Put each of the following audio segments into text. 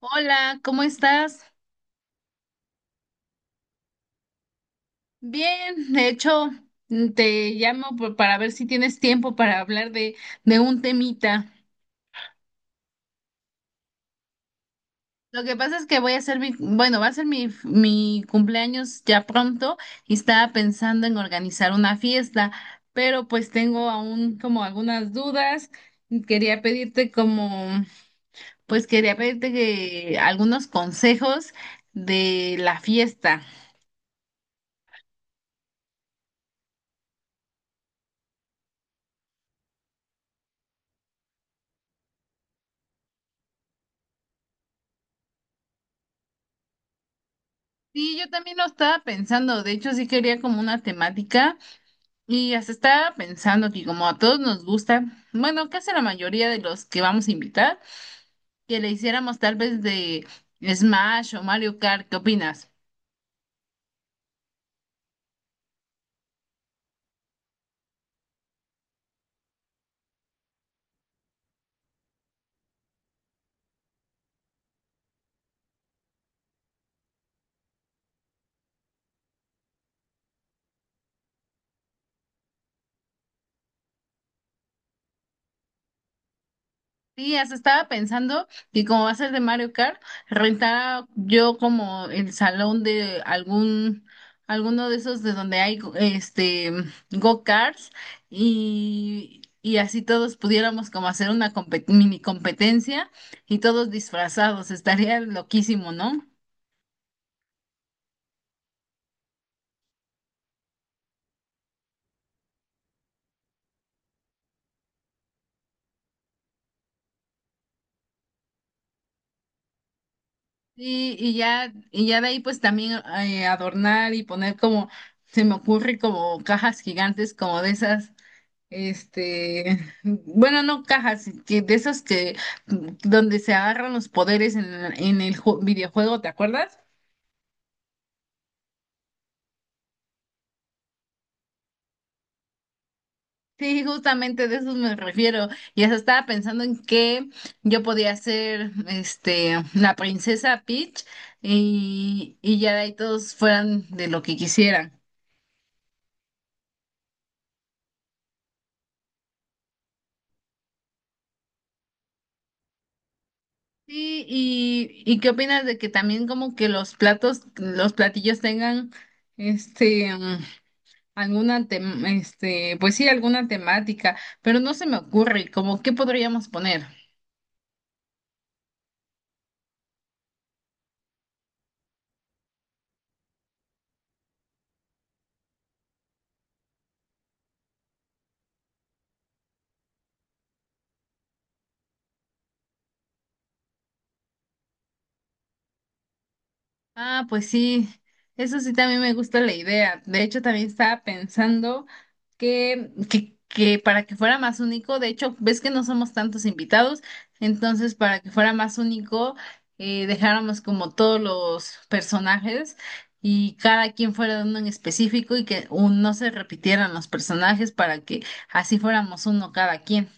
Hola, ¿cómo estás? Bien, de hecho, te llamo para ver si tienes tiempo para hablar de un temita. Lo que pasa es que voy a hacer mi, bueno, va a ser mi cumpleaños ya pronto y estaba pensando en organizar una fiesta, pero pues tengo aún como algunas dudas. Quería pedirte como, pues quería pedirte que algunos consejos de la fiesta. Sí, yo también lo estaba pensando, de hecho sí quería como una temática. Y hasta estaba pensando que como a todos nos gusta, bueno, casi la mayoría de los que vamos a invitar, que le hiciéramos tal vez de Smash o Mario Kart, ¿qué opinas? Sí, hasta estaba pensando que como va a ser de Mario Kart, rentar yo como el salón de algún, alguno de esos de donde hay este go-karts y así todos pudiéramos como hacer una mini competencia y todos disfrazados, estaría loquísimo, ¿no? Sí, y ya de ahí pues también adornar y poner como, se me ocurre como cajas gigantes, como de esas, este, bueno, no cajas, que de esas que, donde se agarran los poderes en el videojuego, ¿te acuerdas? Sí, justamente de eso me refiero. Y hasta estaba pensando en que yo podía ser, este, la princesa Peach y ya de ahí todos fueran de lo que quisieran. Sí, ¿y qué opinas de que también como que los platos, los platillos tengan este alguna este, pues sí, alguna temática, pero no se me ocurre, ¿como qué podríamos poner? Ah, pues sí, eso sí también me gusta la idea. De hecho, también estaba pensando que para que fuera más único, de hecho, ves que no somos tantos invitados, entonces para que fuera más único, dejáramos como todos los personajes y cada quien fuera de uno en específico y que no se repitieran los personajes para que así fuéramos uno cada quien.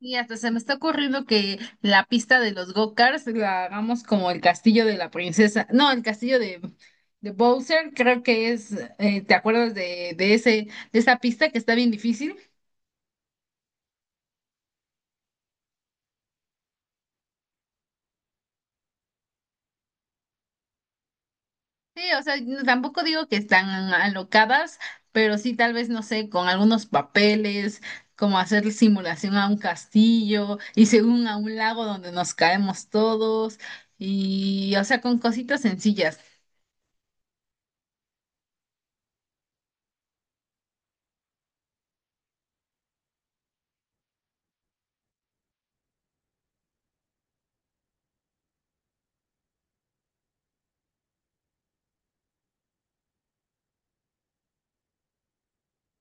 Y hasta se me está ocurriendo que la pista de los go-karts la hagamos como el castillo de la princesa. No, el castillo de Bowser, creo que es, ¿te acuerdas de ese, de esa pista que está bien difícil? Sí, o sea, tampoco digo que están alocadas, pero sí tal vez, no sé, con algunos papeles, como hacer simulación a un castillo y según a un lago donde nos caemos todos, y o sea, con cositas sencillas.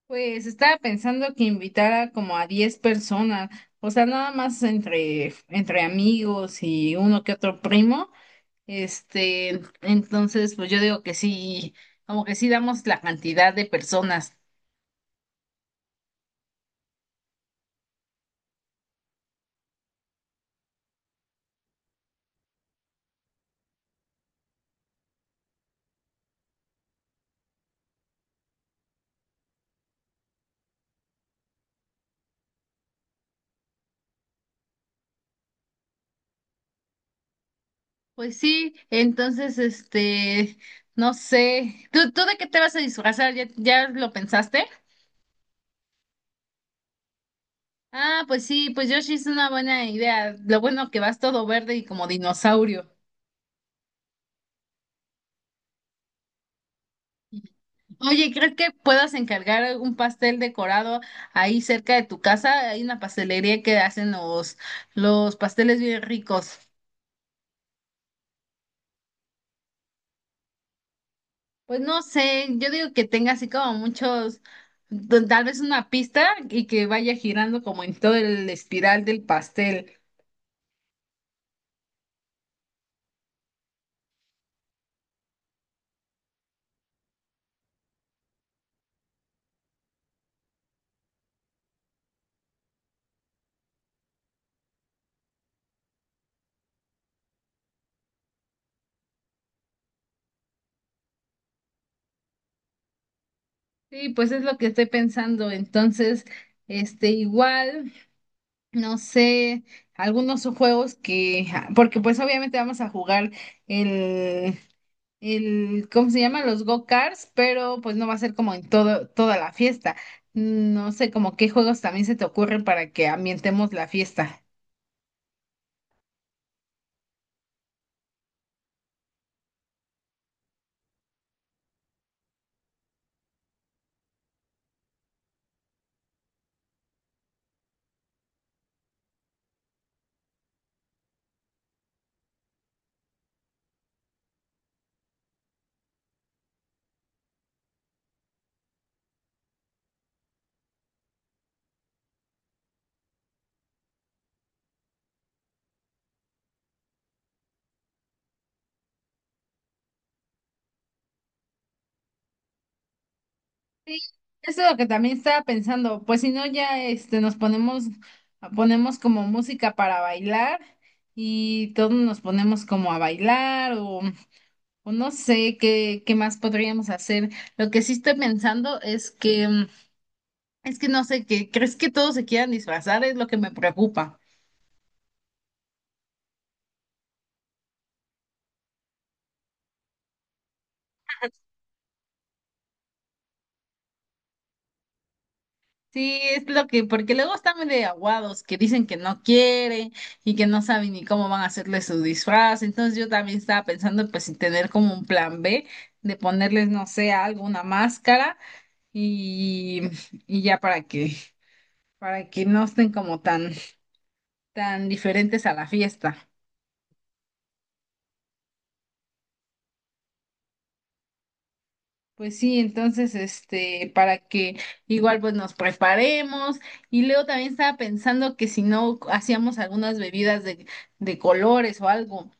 Pues estaba pensando que invitara como a 10 personas, o sea, nada más entre amigos y uno que otro primo. Este, entonces, pues yo digo que sí, como que sí damos la cantidad de personas. Pues sí, entonces, este, no sé, tú de qué te vas a disfrazar? Ya lo pensaste? Ah, pues sí, pues Yoshi es una buena idea. Lo bueno que vas todo verde y como dinosaurio. Oye, ¿crees que puedas encargar un pastel decorado ahí cerca de tu casa? Hay una pastelería que hacen los pasteles bien ricos. Pues no sé, yo digo que tenga así como muchos, tal vez una pista y que vaya girando como en todo el espiral del pastel. Sí, pues es lo que estoy pensando. Entonces, este, igual, no sé, algunos juegos que, ah, porque pues obviamente vamos a jugar el el, ¿cómo se llama? Los go-karts, pero pues no va a ser como en todo, toda la fiesta. No sé, como qué juegos también se te ocurren para que ambientemos la fiesta. Sí, eso es lo que también estaba pensando. Pues si no, ya este, ponemos como música para bailar y todos nos ponemos como a bailar o no sé qué, qué más podríamos hacer. Lo que sí estoy pensando es que, es que no sé, que ¿crees que todos se quieran disfrazar? Es lo que me preocupa. Sí, es lo que, porque luego están de aguados, que dicen que no quieren y que no saben ni cómo van a hacerle su disfraz. Entonces yo también estaba pensando pues en tener como un plan B de ponerles, no sé, algo, una máscara y, y ya para que no estén como tan, tan diferentes a la fiesta. Pues sí, entonces, este, para que igual pues nos preparemos. Y luego también estaba pensando que si no hacíamos algunas bebidas de colores o algo.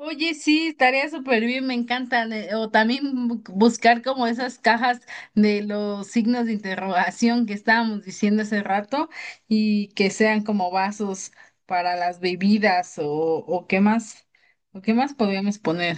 Oye, sí, estaría súper bien, me encantan. O también buscar como esas cajas de los signos de interrogación que estábamos diciendo hace rato y que sean como vasos para las bebidas o qué más podríamos poner.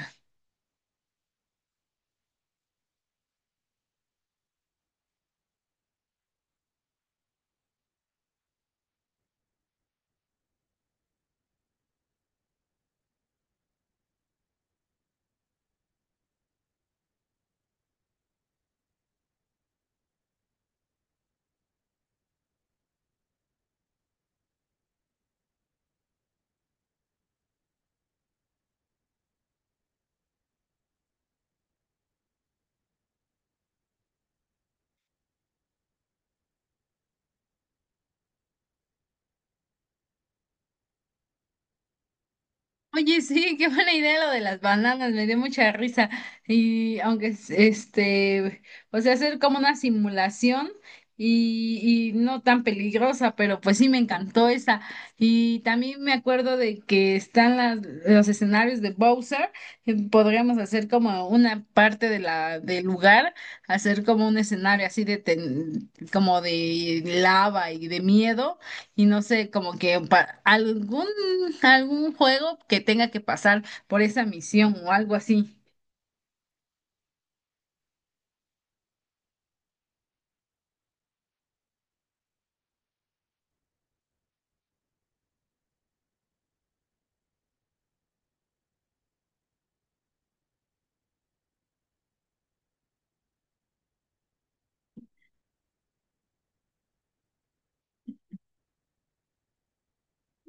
Oye, sí, qué buena idea lo de las bananas, me dio mucha risa. Y aunque este, o sea, hacer como una simulación y no tan peligrosa, pero pues sí me encantó esa. Y también me acuerdo de que están las, los escenarios de Bowser, podríamos hacer como una parte de la, del lugar, hacer como un escenario así de como de lava y de miedo. Y no sé, como que algún, algún juego que tenga que pasar por esa misión o algo así.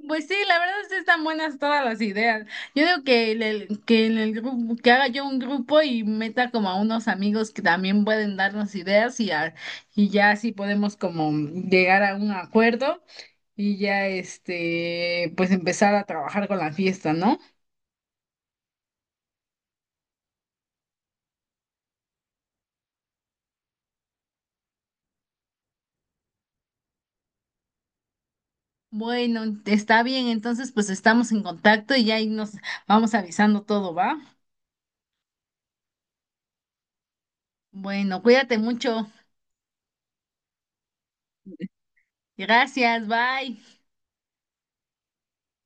Pues sí, la verdad es que están buenas todas las ideas. Yo digo que, que en el grupo, que haga yo un grupo y meta como a unos amigos que también pueden darnos ideas y ya así podemos como llegar a un acuerdo y ya este, pues empezar a trabajar con la fiesta, ¿no? Bueno, está bien, entonces pues estamos en contacto y ya ahí nos vamos avisando todo, ¿va? Bueno, cuídate mucho. Gracias, bye.